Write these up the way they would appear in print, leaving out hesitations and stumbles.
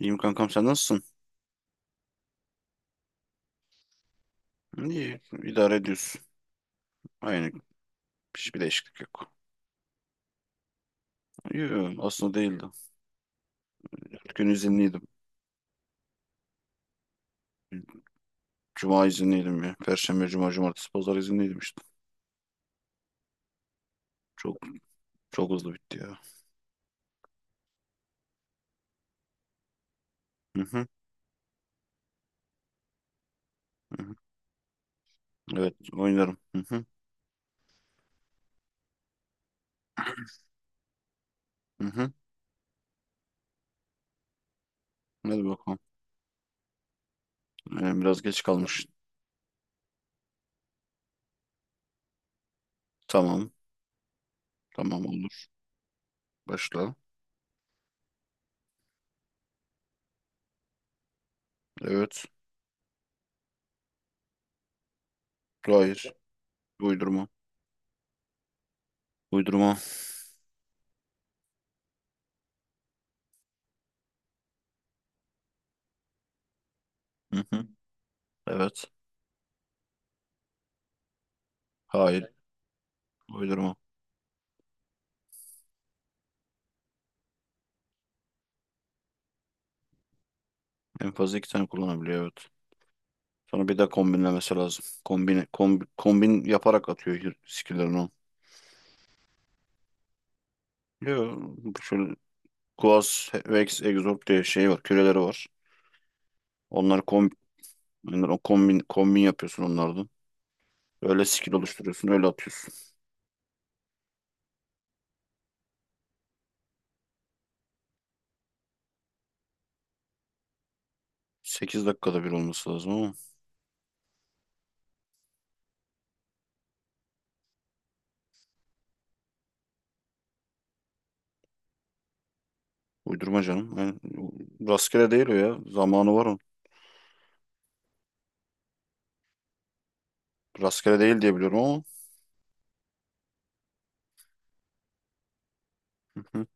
İyiyim kankam sen nasılsın? İyi idare ediyorsun. Aynı hiçbir değişiklik yok. Yok aslında değildi. 4 gün izinliydim. Cuma izinliydim ya. Perşembe, cuma, cumartesi, pazar izinliydim işte. Çok çok hızlı bitti ya. Hı hı, hı hı. Evet oynarım. Hı hı, hı hı. Hadi bakalım. Biraz geç kalmış. Tamam. Tamam olur. Başla. Evet. Hayır. Uydurma. Uydurma. Hı hı. Evet. Hayır. Uydurma. En fazla iki tane kullanabiliyor. Evet. Sonra bir de kombinlemesi lazım. Kombin yaparak atıyor skill'lerini o. Yo, bu şöyle Quas, Vex, Exorb diye şey var. Küreleri var. Onları kombin, onları kombin yapıyorsun onlardan. Öyle skill oluşturuyorsun, öyle atıyorsun. 8 dakikada bir olması lazım ama. Uydurma canım. Yani rastgele değil o ya. Zamanı var onun. Rastgele değil diye biliyorum ama. Hı hı.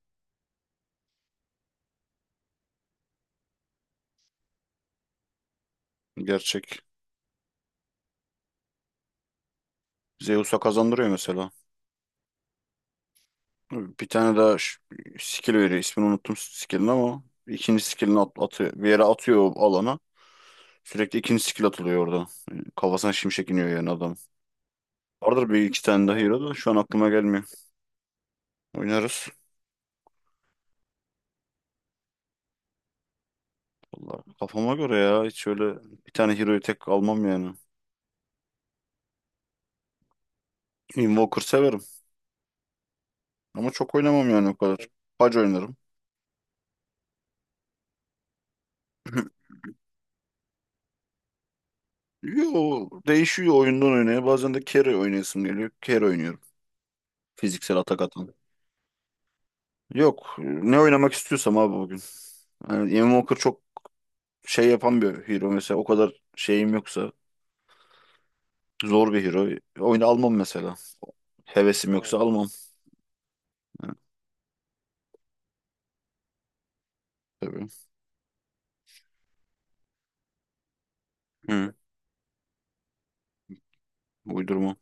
Gerçek. Zeus'a kazandırıyor mesela. Bir tane daha skill veriyor. İsmini unuttum skill'in ama ikinci skill'ini atıyor. Bir yere atıyor o alana. Sürekli ikinci skill atılıyor orada. Yani kafasına şimşek iniyor yani adam. Vardır bir iki tane daha hero da şu an aklıma gelmiyor. Oynarız. Vallahi kafama göre ya. Hiç öyle bir tane hero'yu tek almam yani. Invoker severim. Ama çok oynamam yani o kadar. Pac oynarım. Yo, değişiyor oyundan oynaya. Bazen de carry oynayasım geliyor. Carry oynuyorum. Fiziksel atak atan. Yok. Ne oynamak istiyorsam abi bugün. Yani Ian Walker çok şey yapan bir hero mesela. O kadar şeyim yoksa zor bir hero. Oyunu almam mesela. Hevesim yoksa, evet, almam. Yani, tabii. Hı. Uydurma.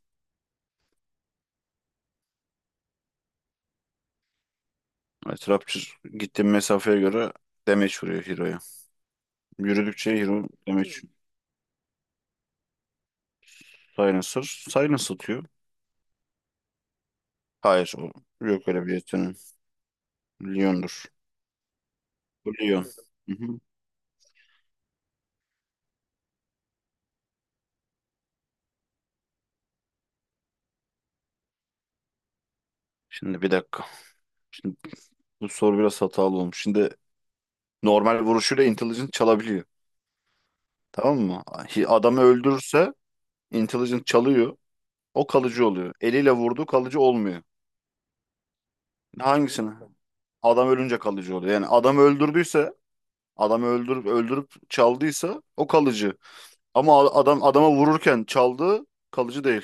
Yani Trapçır gittiğim mesafeye göre damage vuruyor hero'ya. Yürüdükçe hero damage. Hmm. Silencer. Silence atıyor. Hayır o. Yok öyle bir yeteneği. Leon'dur. Bu Leon. Hı hı. Şimdi bir dakika. Şimdi bu soru biraz hatalı olmuş. Şimdi normal vuruşuyla intelligent çalabiliyor. Tamam mı? Adamı öldürürse intelligent çalıyor. O kalıcı oluyor. Eliyle vurdu, kalıcı olmuyor. Hangisine? Adam ölünce kalıcı oluyor. Yani adam öldürdüyse, adamı öldürüp öldürüp çaldıysa o kalıcı. Ama adam adama vururken çaldığı kalıcı değil.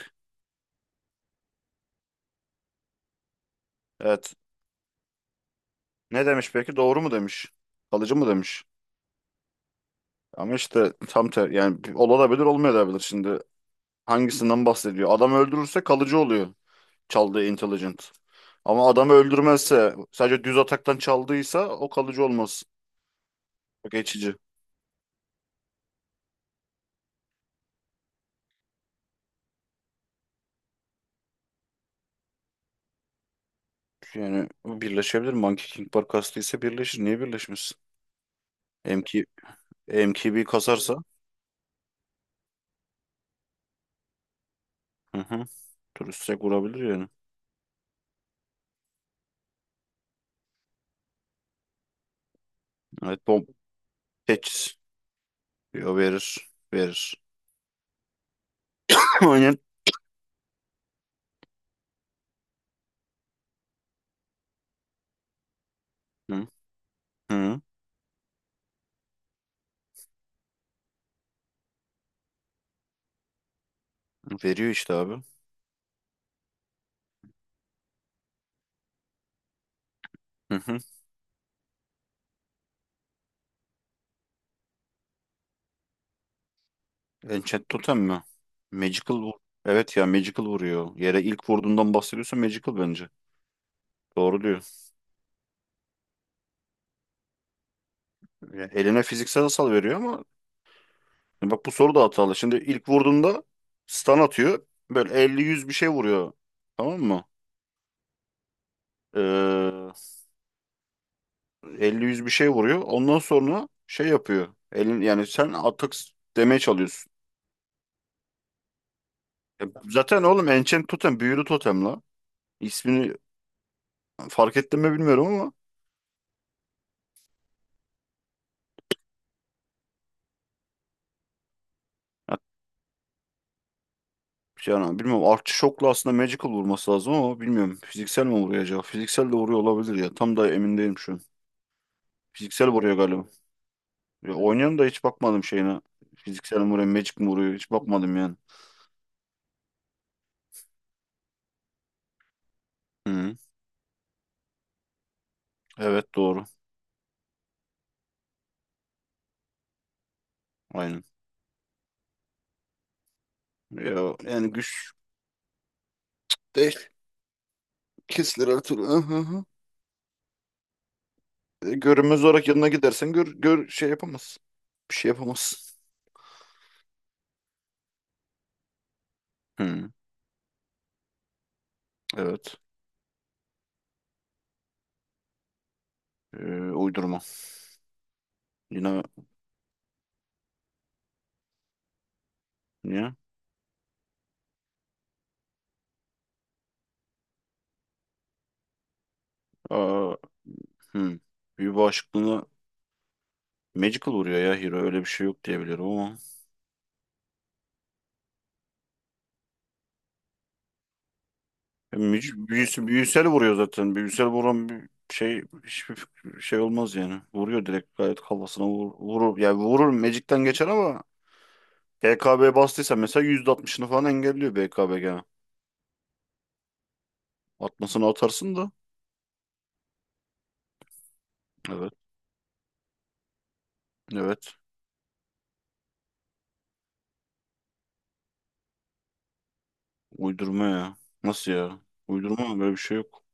Evet. Ne demiş peki? Doğru mu demiş? Kalıcı mı demiş? Ama işte tam ter yani olabilir olmayabilir şimdi. Hangisinden bahsediyor? Adam öldürürse kalıcı oluyor çaldığı intelligent. Ama adamı öldürmezse sadece düz ataktan çaldıysa o kalıcı olmaz. O geçici. Yani birleşebilir. Monkey King Bar kastıysa birleşir. Niye birleşmesin? M K MKB kasarsa, hı hı, turistsek vurabilir yani. Evet bom. Teçhiz. Yo, verir. Verir. Aynen. Hı, hı. Veriyor işte abi. Hı hı. Enchant Totem mi? Magical vur. Evet ya Magical vuruyor. Yere ilk vurduğundan bahsediyorsa Magical bence. Doğru diyor. Yani eline fiziksel hasar veriyor ama bak bu soru da hatalı. Şimdi ilk vurduğunda stun atıyor. Böyle elli yüz bir şey vuruyor. Tamam mı? Ee, 50-100 bir şey vuruyor. Ondan sonra şey yapıyor. Elin, yani sen atak demeye çalıyorsun. Ya zaten oğlum Enchant Totem büyülü totem la. İsmini fark ettim mi bilmiyorum ama ya, yani bilmiyorum Artçı Shock'la aslında Magical vurması lazım ama bilmiyorum. Fiziksel mi vuruyor acaba? Fiziksel de vuruyor olabilir ya. Tam da emin değilim şu an. Fiziksel vuruyor galiba. Ya, oynayan da hiç bakmadım şeyine. Fiziksel mi vuruyor, Magic mi vuruyor? Hiç bakmadım yani. Hı. Evet doğru. Aynen. Ya, yani güç değil. Kesilir her türlü. Görünmez olarak yanına gidersen gör şey yapamaz, bir şey yapamaz. Hı, evet. E, Uydurma. Yine niye? Aa, hı. Büyü bağışıklığına magical vuruyor ya hero. Öyle bir şey yok diye biliyorum ama. Büyüsel vuruyor zaten. Büyüsel vuran bir şey hiçbir şey olmaz yani. Vuruyor direkt gayet kafasına vurur. Yani vurur magic'ten geçer ama BKB bastıysa mesela %60'ını falan engelliyor BKB gene. Atmasını atarsın da. Evet. Evet. Uydurma ya. Nasıl ya? Uydurma mı? Böyle bir şey yok.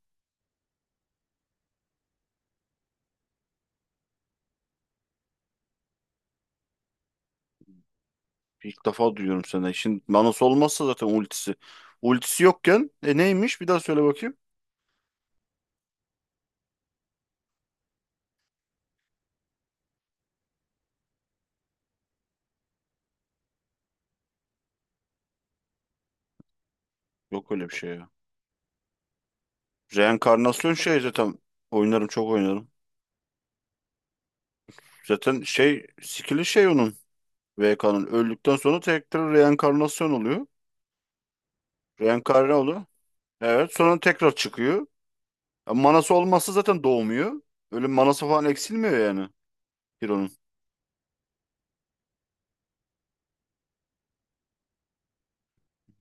İlk defa duyuyorum senden. Şimdi manası olmazsa zaten ultisi. Ultisi yokken neymiş? Bir daha söyle bakayım. Yok öyle bir şey ya. Reenkarnasyon şey zaten. Oynarım çok oynarım. Zaten şey skill'i şey onun. VK'nın. Öldükten sonra tekrar reenkarnasyon oluyor. Reenkarne oluyor. Evet sonra tekrar çıkıyor. Manası olmazsa zaten doğmuyor. Öyle manası falan eksilmiyor yani. Hero'nun.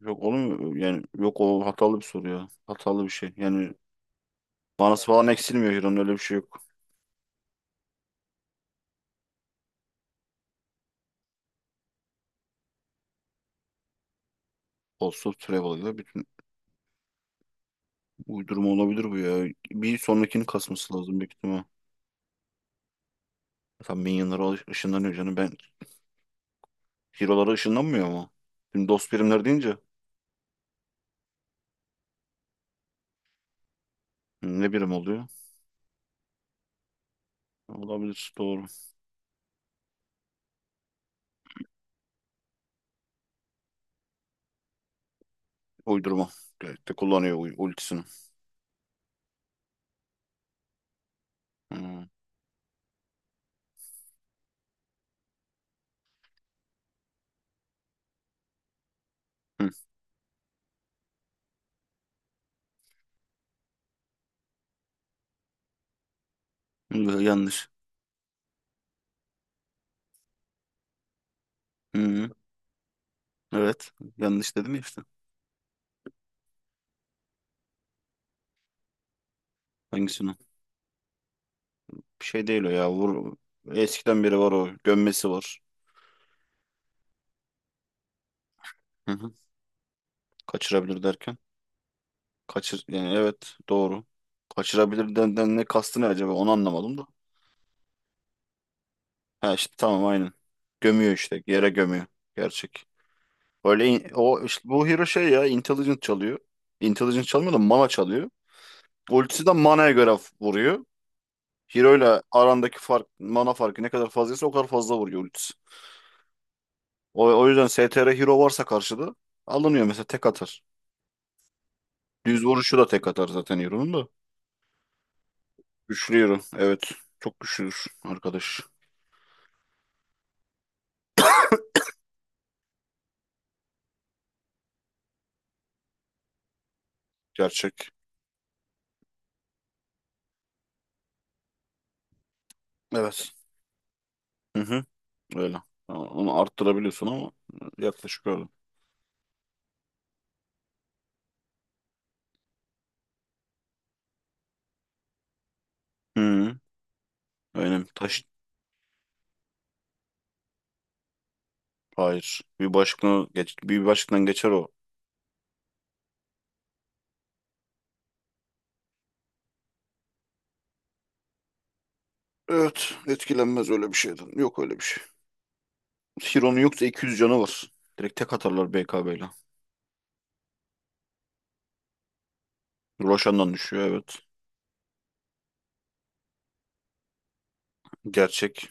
Yok oğlum yani yok o hatalı bir soru ya. Hatalı bir şey. Yani manası falan eksilmiyor Hiro'nun öyle bir şey yok. Olsa Travel'ıyla bütün uydurma olabilir bu ya. Bir sonrakini kasması lazım büyük ihtimal. Tam Minion'lara ışınlanıyor canım ben. Hero'lara ışınlanmıyor mu? Şimdi dost birimler deyince, hı, ne birim oluyor? Olabilir doğru. Uydurma. Gayet de kullanıyor ultisini. Hmm. Hı. Hı, yanlış. Hı. Evet. Yanlış dedim ya işte. Hangisini? Bir şey değil o ya. Vur. Eskiden beri var o. Gömmesi var. Hı hı. Kaçırabilir derken. Kaçır yani, evet, doğru. Kaçırabilir denden ne kastı ne acaba onu anlamadım da. Ha işte tamam aynen. Gömüyor işte yere gömüyor. Gerçek. O işte bu hero şey ya intelligent çalıyor. Intelligent çalmıyor da mana çalıyor. Ultisi de mana'ya göre vuruyor. Hero ile arandaki fark mana farkı ne kadar fazlaysa o kadar fazla vuruyor ultisi. O yüzden STR hero varsa karşıda alınıyor mesela tek atar. Düz vuruşu da tek atar zaten hero'nun da. Güçlü hero evet. Çok güçlüdür arkadaş. Gerçek. Evet. Hı hı, öyle. Ama onu arttırabiliyorsun ama yaklaşık öyle. Hı, öyle. Taş, hayır. Bir başkına geç, bir başkından geçer o. Evet, etkilenmez öyle bir şeyden. Yok öyle bir şey. Hiro'nun yoksa 200 canı var. Direkt tek atarlar BKB ile. Roshan'dan düşüyor evet. Gerçek.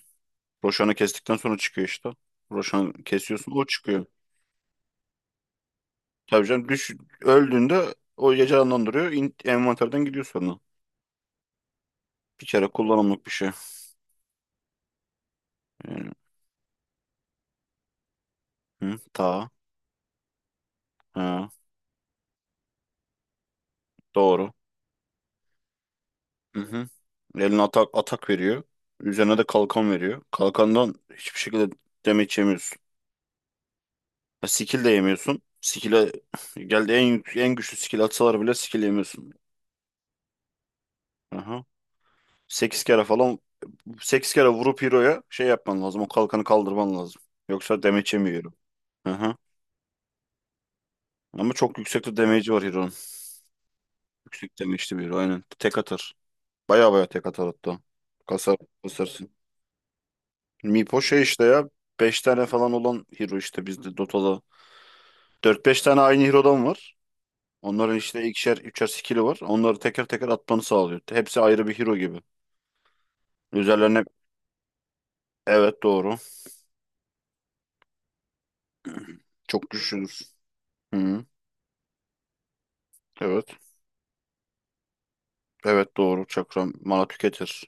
Roshan'ı kestikten sonra çıkıyor işte. Roshan kesiyorsun o çıkıyor. Tabii canım düş, öldüğünde o ya canlandırıyor. Envanterden gidiyor sonra. Bir kere kullanımlık bir şey. Yani, hı, ta. Ha, doğru. Hı hı. Eline atak veriyor. Üzerine de kalkan veriyor. Kalkandan hiçbir şekilde damage yemiyorsun. Ya skill de yemiyorsun. Skill'e geldi en güçlü skill atsalar bile skill yemiyorsun. Aha. 8 kere falan sekiz kere vurup hero'ya şey yapman lazım. O kalkanı kaldırman lazım. Yoksa damage yemiyor hero. Aha. Ama çok yüksekte damage var hero'nun. Yüksek damage'li bir hero aynen. Tek atar. Baya baya tek atar hatta. Kasar, kasarsın. Mipo şey işte ya 5 tane falan olan hero işte bizde Dota'da. Dört beş tane aynı hero'dan var. Onların işte ikişer, üçer skill'i var. Onları teker teker atmanı sağlıyor. Hepsi ayrı bir hero gibi. Üzerlerine evet doğru. Çok güçlüdür. Hı, evet. Evet doğru. Çakra mana tüketir.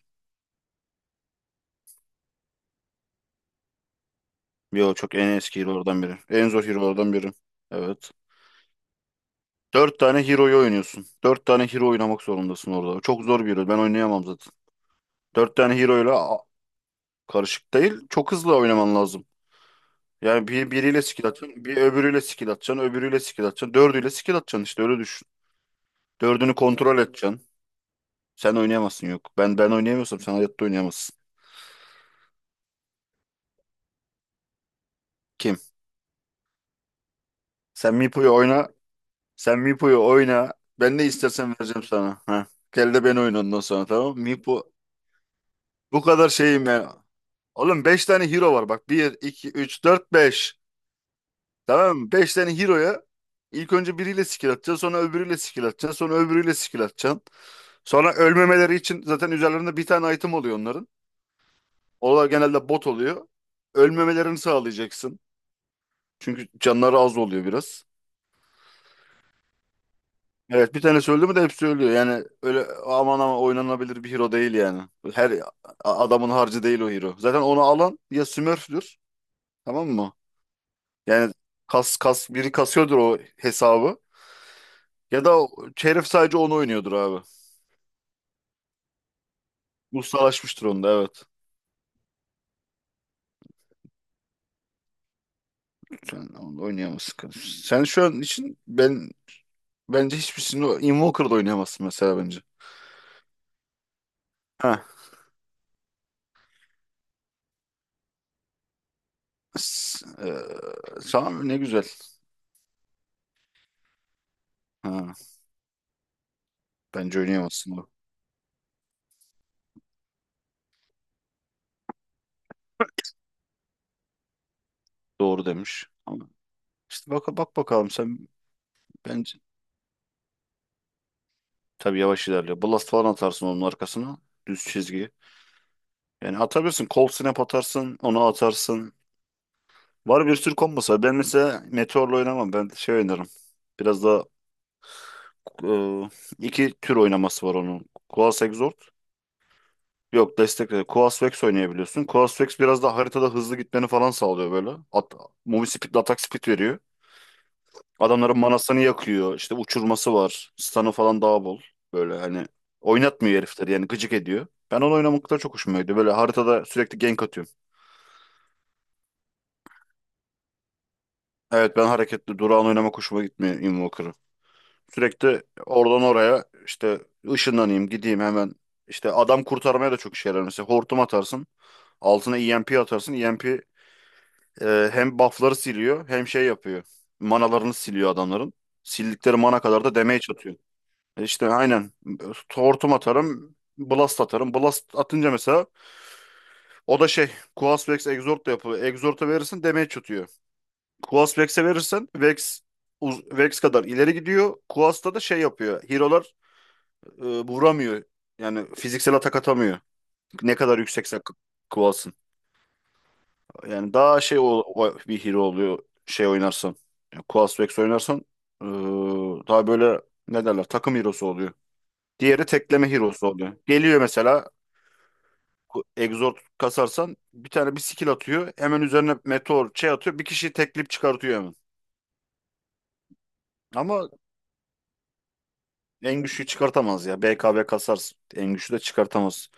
Yo çok en eski hero'lardan biri. En zor hero'lardan biri. Evet. Dört tane hero'yu oynuyorsun. Dört tane hero oynamak zorundasın orada. Çok zor bir hero. Ben oynayamam zaten. Dört tane hero'yla karışık değil. Çok hızlı oynaman lazım. Yani biriyle skill atacaksın, bir öbürüyle skill atacaksın, öbürüyle skill atacaksın, dördüyle skill atacaksın işte öyle düşün. Dördünü kontrol edeceksin. Sen oynayamazsın yok. Ben oynayamıyorsam sen hayatta oynayamazsın. Kim? Sen Mipo'yu oyna. Sen Mipo'yu oyna. Ben ne istersen vereceğim sana. Ha. Gel de ben oyna ondan sonra tamam mı? Mipo. Bu kadar şeyim yani. Oğlum 5 tane hero var bak. Bir, 2, 3, 4, 5. Tamam mı? 5 tane hero'ya ilk önce biriyle skill atacaksın. Sonra öbürüyle skill atacaksın. Sonra öbürüyle skill atacaksın. Sonra ölmemeleri için zaten üzerlerinde bir tane item oluyor onların. Onlar genelde bot oluyor. Ölmemelerini sağlayacaksın. Çünkü canları az oluyor biraz. Evet bir tanesi öldü mü de hepsi ölüyor. Yani öyle aman ama oynanabilir bir hero değil yani. Her adamın harcı değil o hero. Zaten onu alan ya smurf'dür tamam mı? Yani kas kas biri kasıyordur o hesabı. Ya da o herif sadece onu oynuyordur abi. Ustalaşmıştır onda evet. Sen onu oynayamazsın. Sen şu an için ben Bence hiçbirisini Invoker'da oynayamazsın mesela bence. Ha. S- e, tamam ne güzel. Ha. Bence oynayamazsın o. Doğru demiş. Ama işte bak, bak bakalım sen bence tabii yavaş ilerliyor. Blast falan atarsın onun arkasına. Düz çizgi. Yani atabilirsin. Cold Snap atarsın. Onu atarsın. Var bir sürü kombosu var. Ben mesela Meteor'la oynamam. Ben şey oynarım. Biraz da e, iki tür oynaması var onun. Kuala Exor. Yok destekle. Quasvex oynayabiliyorsun. Quasvex biraz da haritada hızlı gitmeni falan sağlıyor böyle. At, movie speed ile atak speed veriyor. Adamların manasını yakıyor. İşte uçurması var. Stun'ı falan daha bol. Böyle hani oynatmıyor herifleri yani gıcık ediyor. Ben onu oynamakta çok hoşuma gidiyor. Böyle haritada sürekli gank atıyorum. Evet ben hareketli durağan oynamak hoşuma gitmiyor Invoker'ı. Sürekli oradan oraya işte ışınlanayım gideyim hemen. İşte adam kurtarmaya da çok işe yarar. Mesela hortum atarsın. Altına EMP atarsın. EMP hem buff'ları siliyor hem şey yapıyor. Manalarını siliyor adamların. Sildikleri mana kadar da damage atıyor. İşte aynen. Hortum atarım. Blast atarım. Blast atınca mesela o da şey Quas Vex Exort da yapıyor. Exort'a verirsin damage atıyor. Quas Vex'e verirsen Vex kadar ileri gidiyor. Quas'ta da şey yapıyor. Hero'lar vuramıyor. Yani fiziksel atak atamıyor. Ne kadar yüksekse Quas'ın. Yani daha şey bir hero oluyor şey oynarsan. Yani Quas Vex oynarsan ee, daha böyle ne derler takım hero'su oluyor. Diğeri tekleme hero'su oluyor. Geliyor mesela Exort kasarsan bir tane bir skill atıyor. Hemen üzerine meteor şey atıyor. Bir kişiyi tekleyip çıkartıyor hemen. Ama en güçlüyü çıkartamaz ya. BKB kasarsın. En güçlü de çıkartamaz.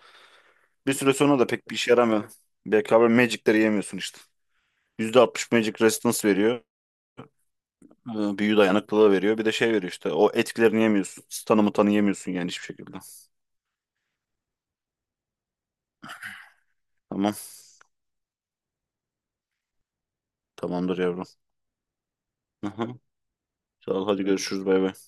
Bir süre sonra da pek bir işe yaramıyor. BKB Magic'leri yemiyorsun işte. %60 Magic Resistance veriyor. Büyü dayanıklılığı veriyor. Bir de şey veriyor işte. O etkilerini yemiyorsun. Stun'ımı tanıyamıyorsun yani hiçbir şekilde. Tamam. Tamamdır yavrum. Hı. Sağ ol. Hadi görüşürüz. Bay bay.